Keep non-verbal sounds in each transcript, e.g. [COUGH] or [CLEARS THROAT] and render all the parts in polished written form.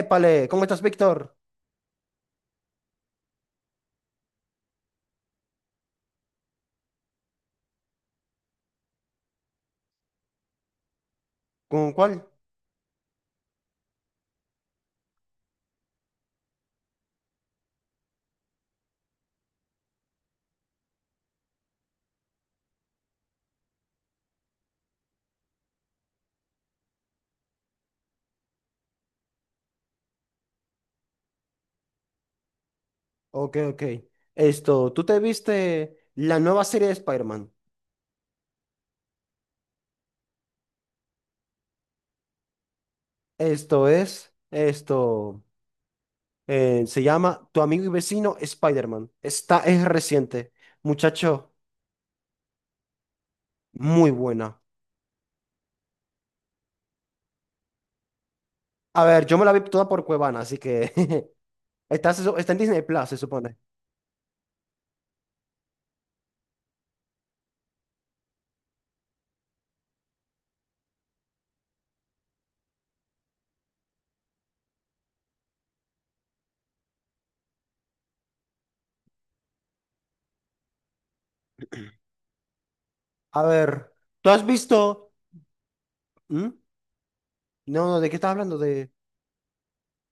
Épale, ¿cómo estás, Víctor? ¿Con cuál? Ok, ok. Esto, ¿tú te viste la nueva serie de Spider-Man? Esto es, esto, se llama Tu amigo y vecino Spider-Man. Esta es reciente. Muchacho, muy buena. A ver, yo me la vi toda por Cuevana, así que [LAUGHS] está, está en Disney Plus, se supone. A ver, ¿tú has visto? ¿Mm? No, no, ¿de qué estás hablando? De...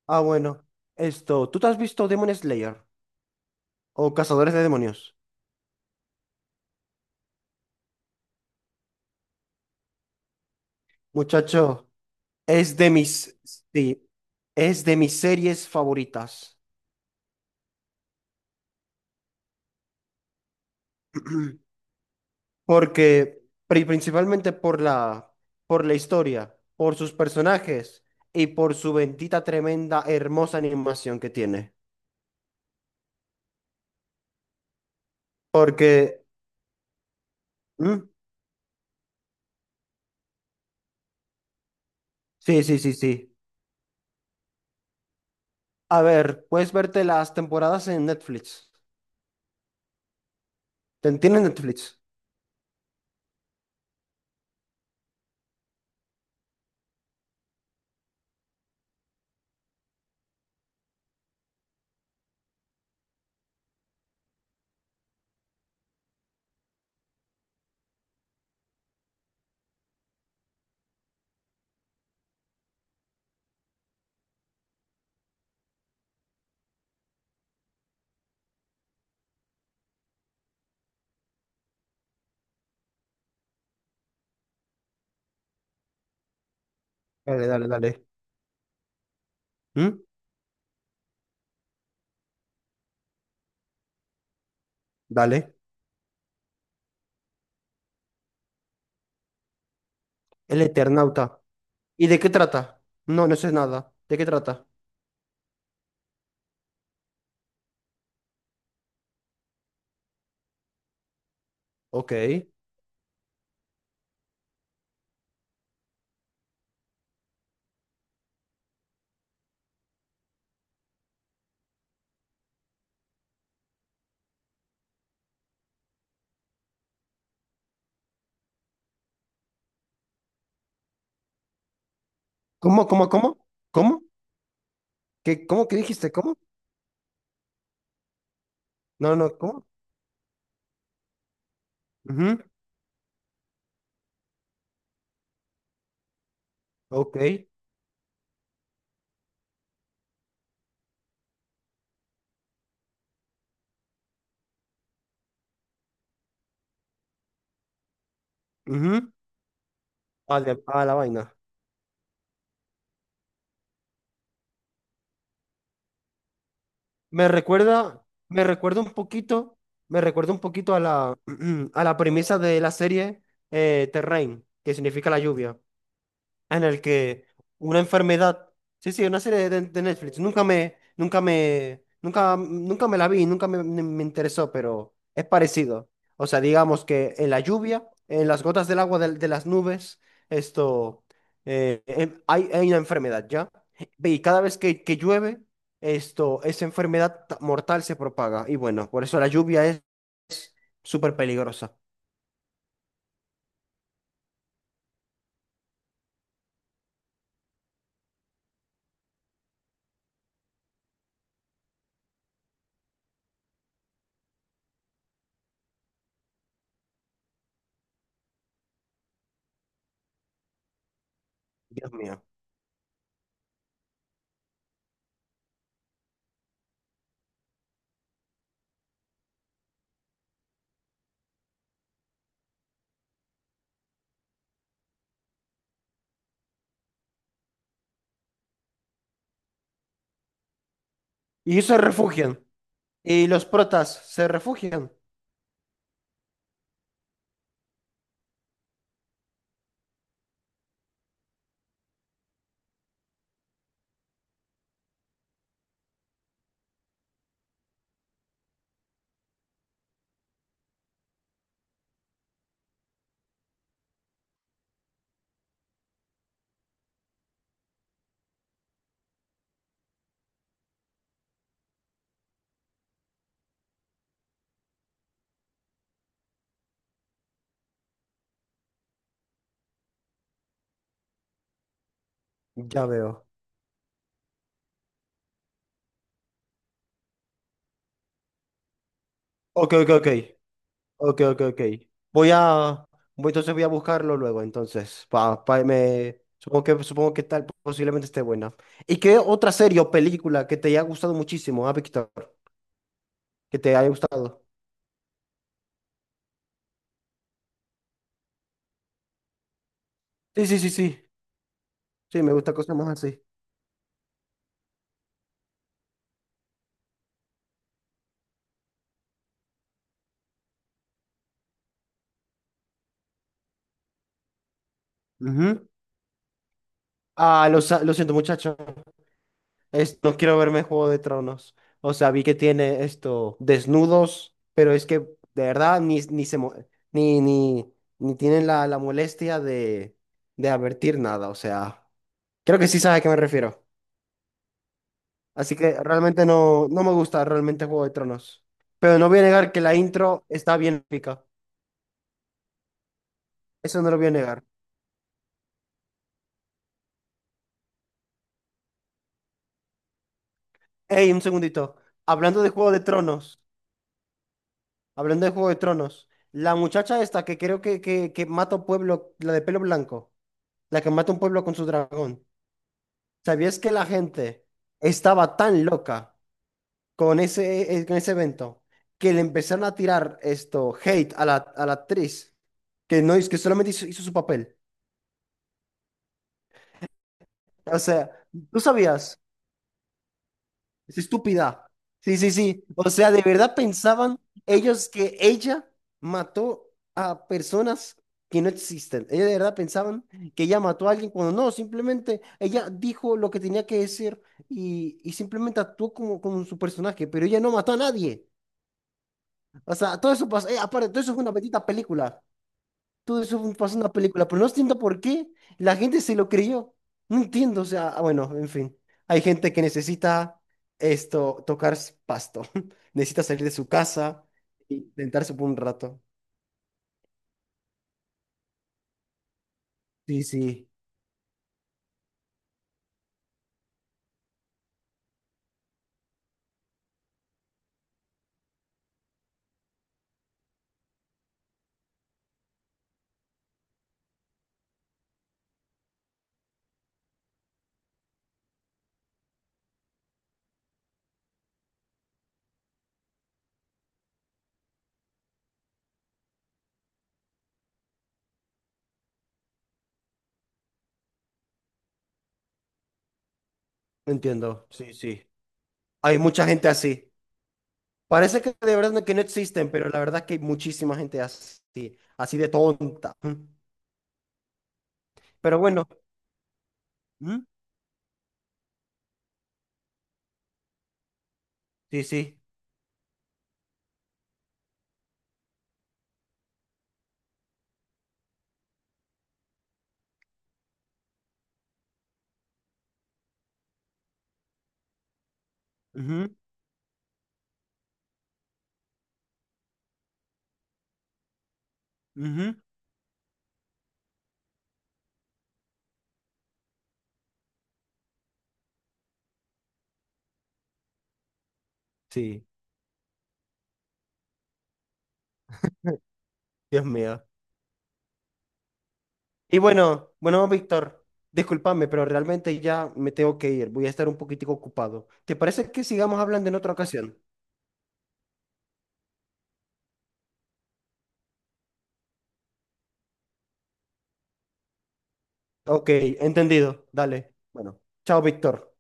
Ah, bueno. Esto, ¿tú te has visto Demon Slayer o Cazadores de Demonios? Muchacho. Es de mis, sí, es de mis series favoritas. [CLEARS THROAT] Porque, principalmente por por la historia, por sus personajes y por su bendita, tremenda, hermosa animación que tiene. Porque, ¿Mm? Sí, sí, sí, sí. A ver, puedes verte las temporadas en Netflix. ¿Tienes Netflix? Dale, dale, dale. ¿Mm? Dale. El Eternauta. ¿Y de qué trata? No, no sé nada. ¿De qué trata? Ok. ¿Cómo, cómo, cómo? ¿Cómo? ¿Qué, cómo que dijiste? ¿Cómo? No, no, ¿cómo? Ujú, ok, ujú. A la vaina. Me recuerda, me recuerda un poquito a [CLEARS THROAT] a la premisa de la serie Terrain, que significa la lluvia, en el que una enfermedad, sí, sí, una serie de Netflix, nunca me la vi, nunca me, me- me interesó, pero es parecido. O sea, digamos que en la lluvia, en las gotas del agua de las nubes, esto, hay una enfermedad, ¿ya? Y cada vez que llueve, esto, mortal se propaga. Y bueno, por eso la lluvia es súper peligrosa. Dios mío. Y se refugian. Y los protas se refugian. Ya veo. Ok, ok, ok. Ok, ok, ok. Voy a. Entonces voy a buscarlo luego. Entonces, supongo que tal posiblemente esté buena. ¿Y qué otra serie o película que te haya gustado muchísimo, ah, Víctor? Que te haya gustado. Sí, sí, sí, sí. Sí, me gusta cosas más así. Ujú. Ah, lo siento, muchacho. No quiero verme Juego de Tronos. O sea, vi que tiene esto, desnudos, pero es que de verdad ni, ni se mo- ni, ni, ni tienen la molestia de advertir nada. O sea, creo que sí sabe a qué me refiero. Así que realmente no, no me gusta realmente Juego de Tronos. Pero no voy a negar que la intro está bien épica. Eso no lo voy a negar. Ey, un segundito. Hablando de Juego de Tronos, hablando de Juego de Tronos, la muchacha esta que creo que mata a pueblo, la de pelo blanco, la que mata a un pueblo con su dragón. ¿Sabías que la gente estaba tan loca con ese evento que le empezaron a tirar esto, hate a a la actriz, que no es que solamente hizo, hizo su papel? O sea, ¿tú sabías? Es estúpida. Sí, sí, sí. O sea, de verdad pensaban ellos que ella mató a personas que no existen. Ellos de verdad pensaban que ella mató a alguien cuando no, simplemente ella dijo lo que tenía que decir y simplemente actuó como, como su personaje, pero ella no mató a nadie. O sea, todo eso pasó. Aparte, todo eso fue una bendita película, todo eso pasó en una película, pero no entiendo por qué la gente se lo creyó. No entiendo, o sea, ah, bueno, en fin. Hay gente que necesita esto, pasto, [LAUGHS] necesita salir de su casa y tentarse por un rato. Sí, sí, entiendo, sí, sí. Hay mucha gente así. Parece que de verdad que no existen, pero la verdad que hay muchísima gente así, así de tonta. [LAUGHS] Pero bueno, ¿Mm? Sí, sí. Ujú, ujú. Sí, Dios mío. Y bueno, bueno, Víctor, discúlpame, pero realmente ya me tengo que ir. Voy a estar un poquitico ocupado. ¿Te parece que sigamos hablando en otra ocasión? Ok, entendido. Dale. Bueno, chao, Víctor.